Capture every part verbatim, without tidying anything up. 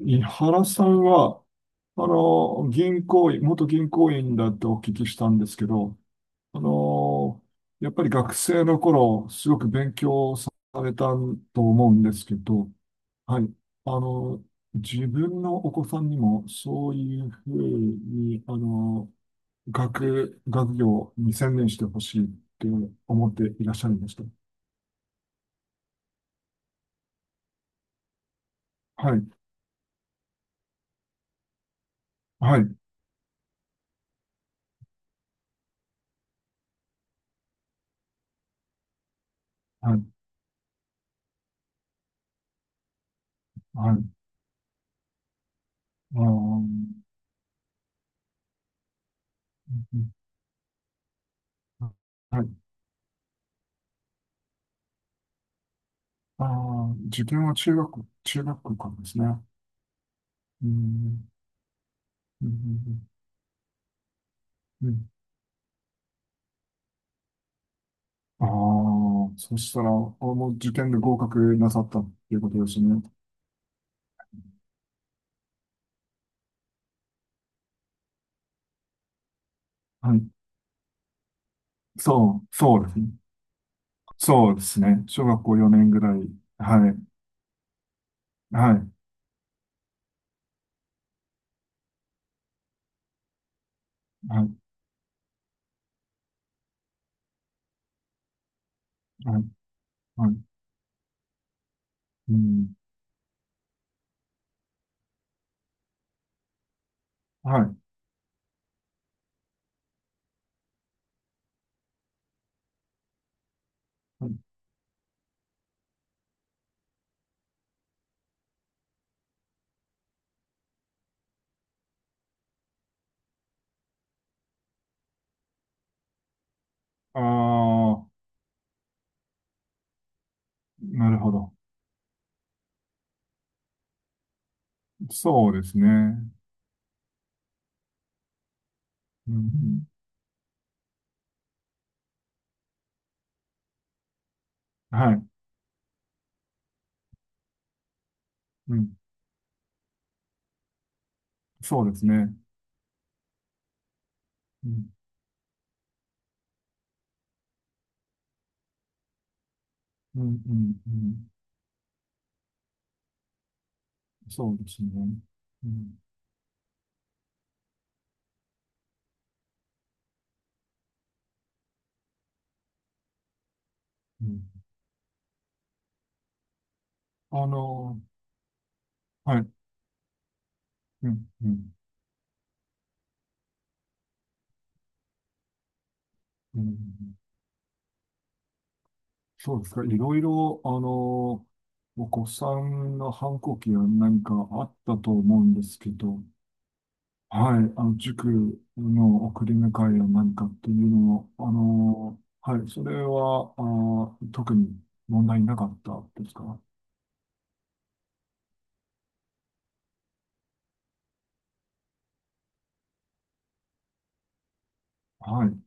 井原さんは、あの、銀行員、元銀行員だってお聞きしたんですけど、あの、やっぱり学生の頃、すごく勉強されたと思うんですけど、はい。あの、自分のお子さんにも、そういうふうに、あの、学、学業に専念してほしいって思っていらっしゃるんですか？はい。はい。はい。はい。あー。うん。はい。ああ、自分は中学、中学校からですね。うん、うん、うん。ああー、そしたら、この受験で合格なさったっていうことですね。はい。そう、そうですね。そうですね。小学校よねんぐらい。はい。はい。はい。はい。はい。うん。はい。ああー、なるほど。そうですね。うん。はい。うん。そうですね。うん。うん。うん。うん。そうですね。うんうん。あの、はい。うん、うん、うん。そうですか。いろいろ、あの、お子さんの反抗期は何かあったと思うんですけど、はい。あの、塾の送り迎えや何かっていうのもあの、はい。それは、あー、特に問題なかったですか？はい。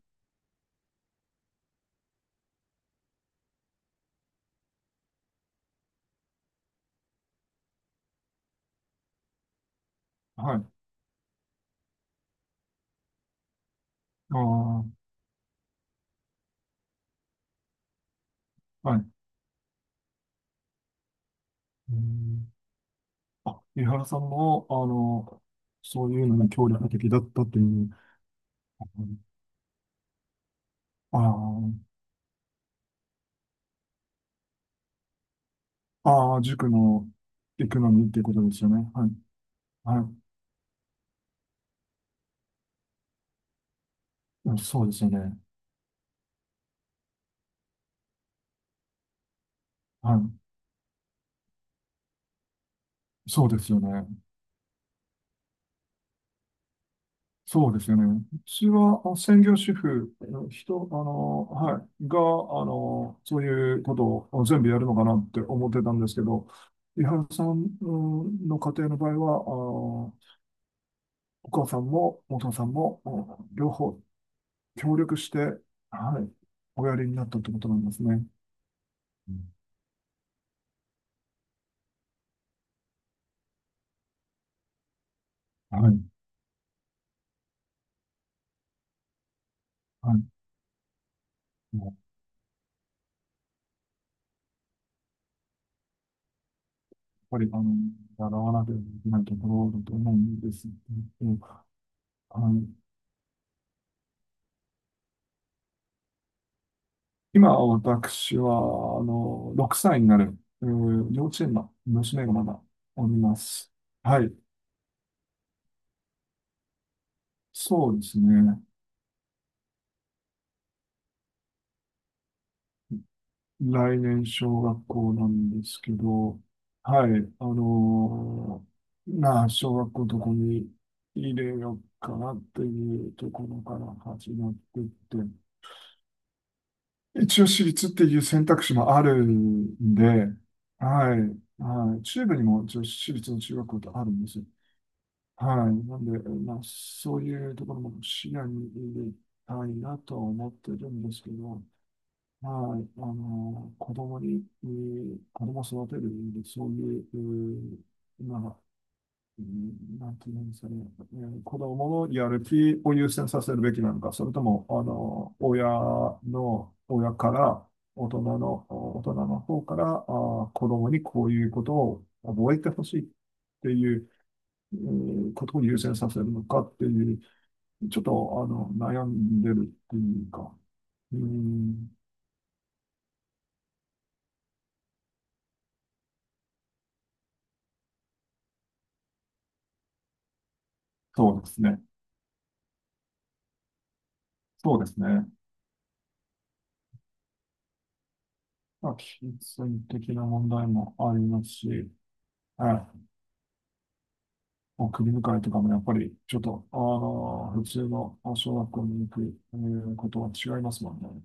はい。ああ、はい。うん。あ、井原さんも、あの、そういうのに協力的だったという。ああ、ああ、塾の行くのにっていうことですよね。はい。はい。うん。そうですよね。はい。そうですよね。そうですよね。うちはあ専業主婦、人、あの、はい、が、あの、そういうことを全部やるのかなって思ってたんですけど、伊原さんうんの家庭の場合は、あのお母さんもお父さんも、うん両方協力して、はい、おやりになったってことなんですね。うん。はい。はい。ぱり、あの、習わなければいけないところだと思うんですけど、あの、今、私は、あの、ろくさいになる、えー幼稚園の娘がまだおります。はい。そうですね。来年、小学校なんですけど、はい。あの、まあ、小学校どこに入れようかなっていうところから始まってって、一応私立っていう選択肢もあるんで、はい、はい、中部にも一応私立の中学校ってあるんですよ。はい。なんで、まあ、そういうところも視野に入れたいなとは思ってるんですけど、はい。あの、子供に、えー子供を育てる意味で、そういう、えーまあ、うんなんていうんですかね、えー子供のやる気を優先させるべきなのか、それとも、あの、親の、親から、大人の、大人の方から、あー、子供にこういうことを覚えてほしいっていう、えーことを優先させるのかっていう、ちょっと、あの、悩んでるっていうか、うんそうですね。そうですね。まあ、金銭的な問題もありますし、はい。まあり向迎えとかもやっぱり、ちょっと、あの、普通のあ小学校に行く、えーことは違いますもんね。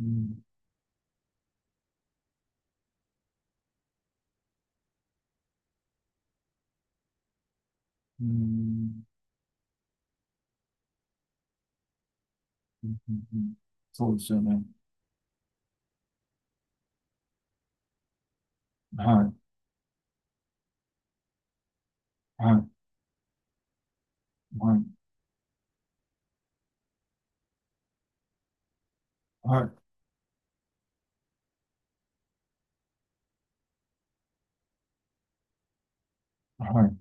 うん、うん、うん、うんうん。そうですよね。はい、はい、はい、はい、はい。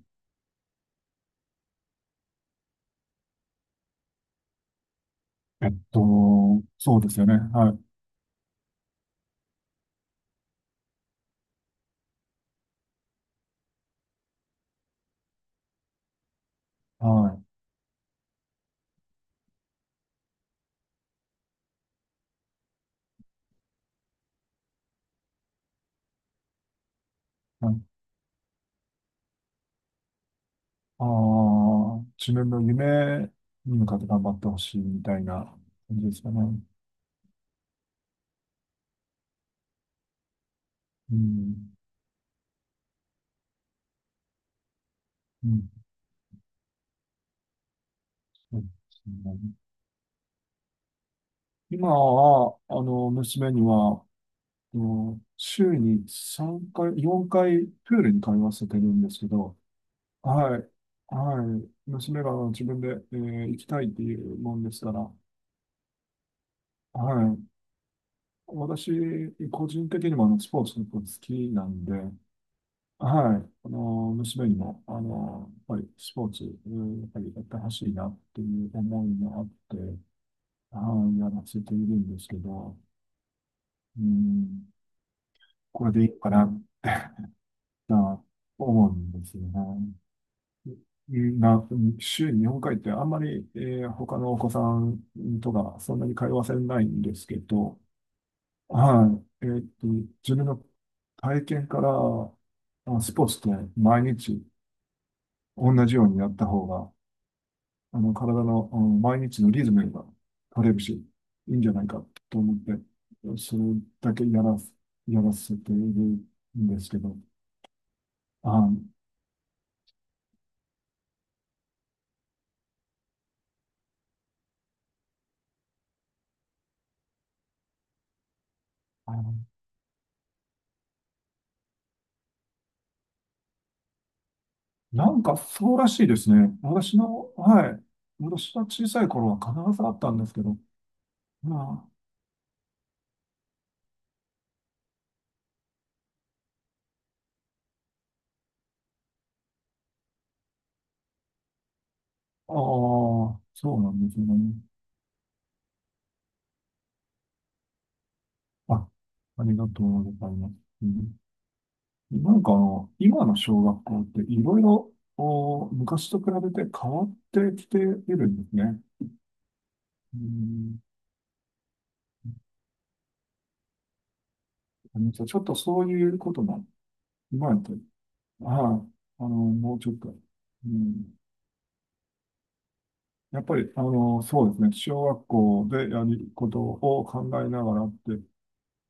えっと、そうですよね。はい、はい。はい。ああ、自分の夢に向かって頑張ってほしいみたいな感じですかね。うん、うん、そうですね。今は、あの、娘には、あの週にさんかい、よんかいプールに通わせてるんですけど、はい、はい、娘が自分で、えー行きたいっていうもんですから、はい、私、個人的にもあのスポーツ結構好きなんで、はい、あの娘にもあのやっぱりスポーツ、うんやっぱりやってほしいなっていう思いがあって、はい、やらせているんですけど、うん、これでいいかなと思うんですよね。な、週に本回ってあんまり、えー他のお子さんとかそんなに通わせないんですけど、はい。えーっと、自分の体験からあスポーツって毎日同じようにやった方が、あの、体の、あの毎日のリズムが取れるし、いいんじゃないかと思って、それだけやらす、やらせているんですけど、はい。なんかそうらしいですね。私の、はい。私は小さい頃は必ずあったんですけど、まあ、ああ、そうなんですね。あ、ありがとうございます。うんなんかあの、今の小学校っていろいろお昔と比べて変わってきているんですね。うん、あのちょっとそういうことも、今やって、はい、あの、もうちょっと、うんやっぱり、あの、そうですね。小学校でやることを考えながらって、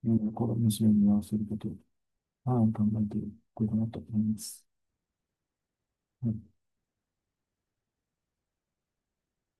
うん、この娘にやらせることを、はい、考えていこうかなと思います。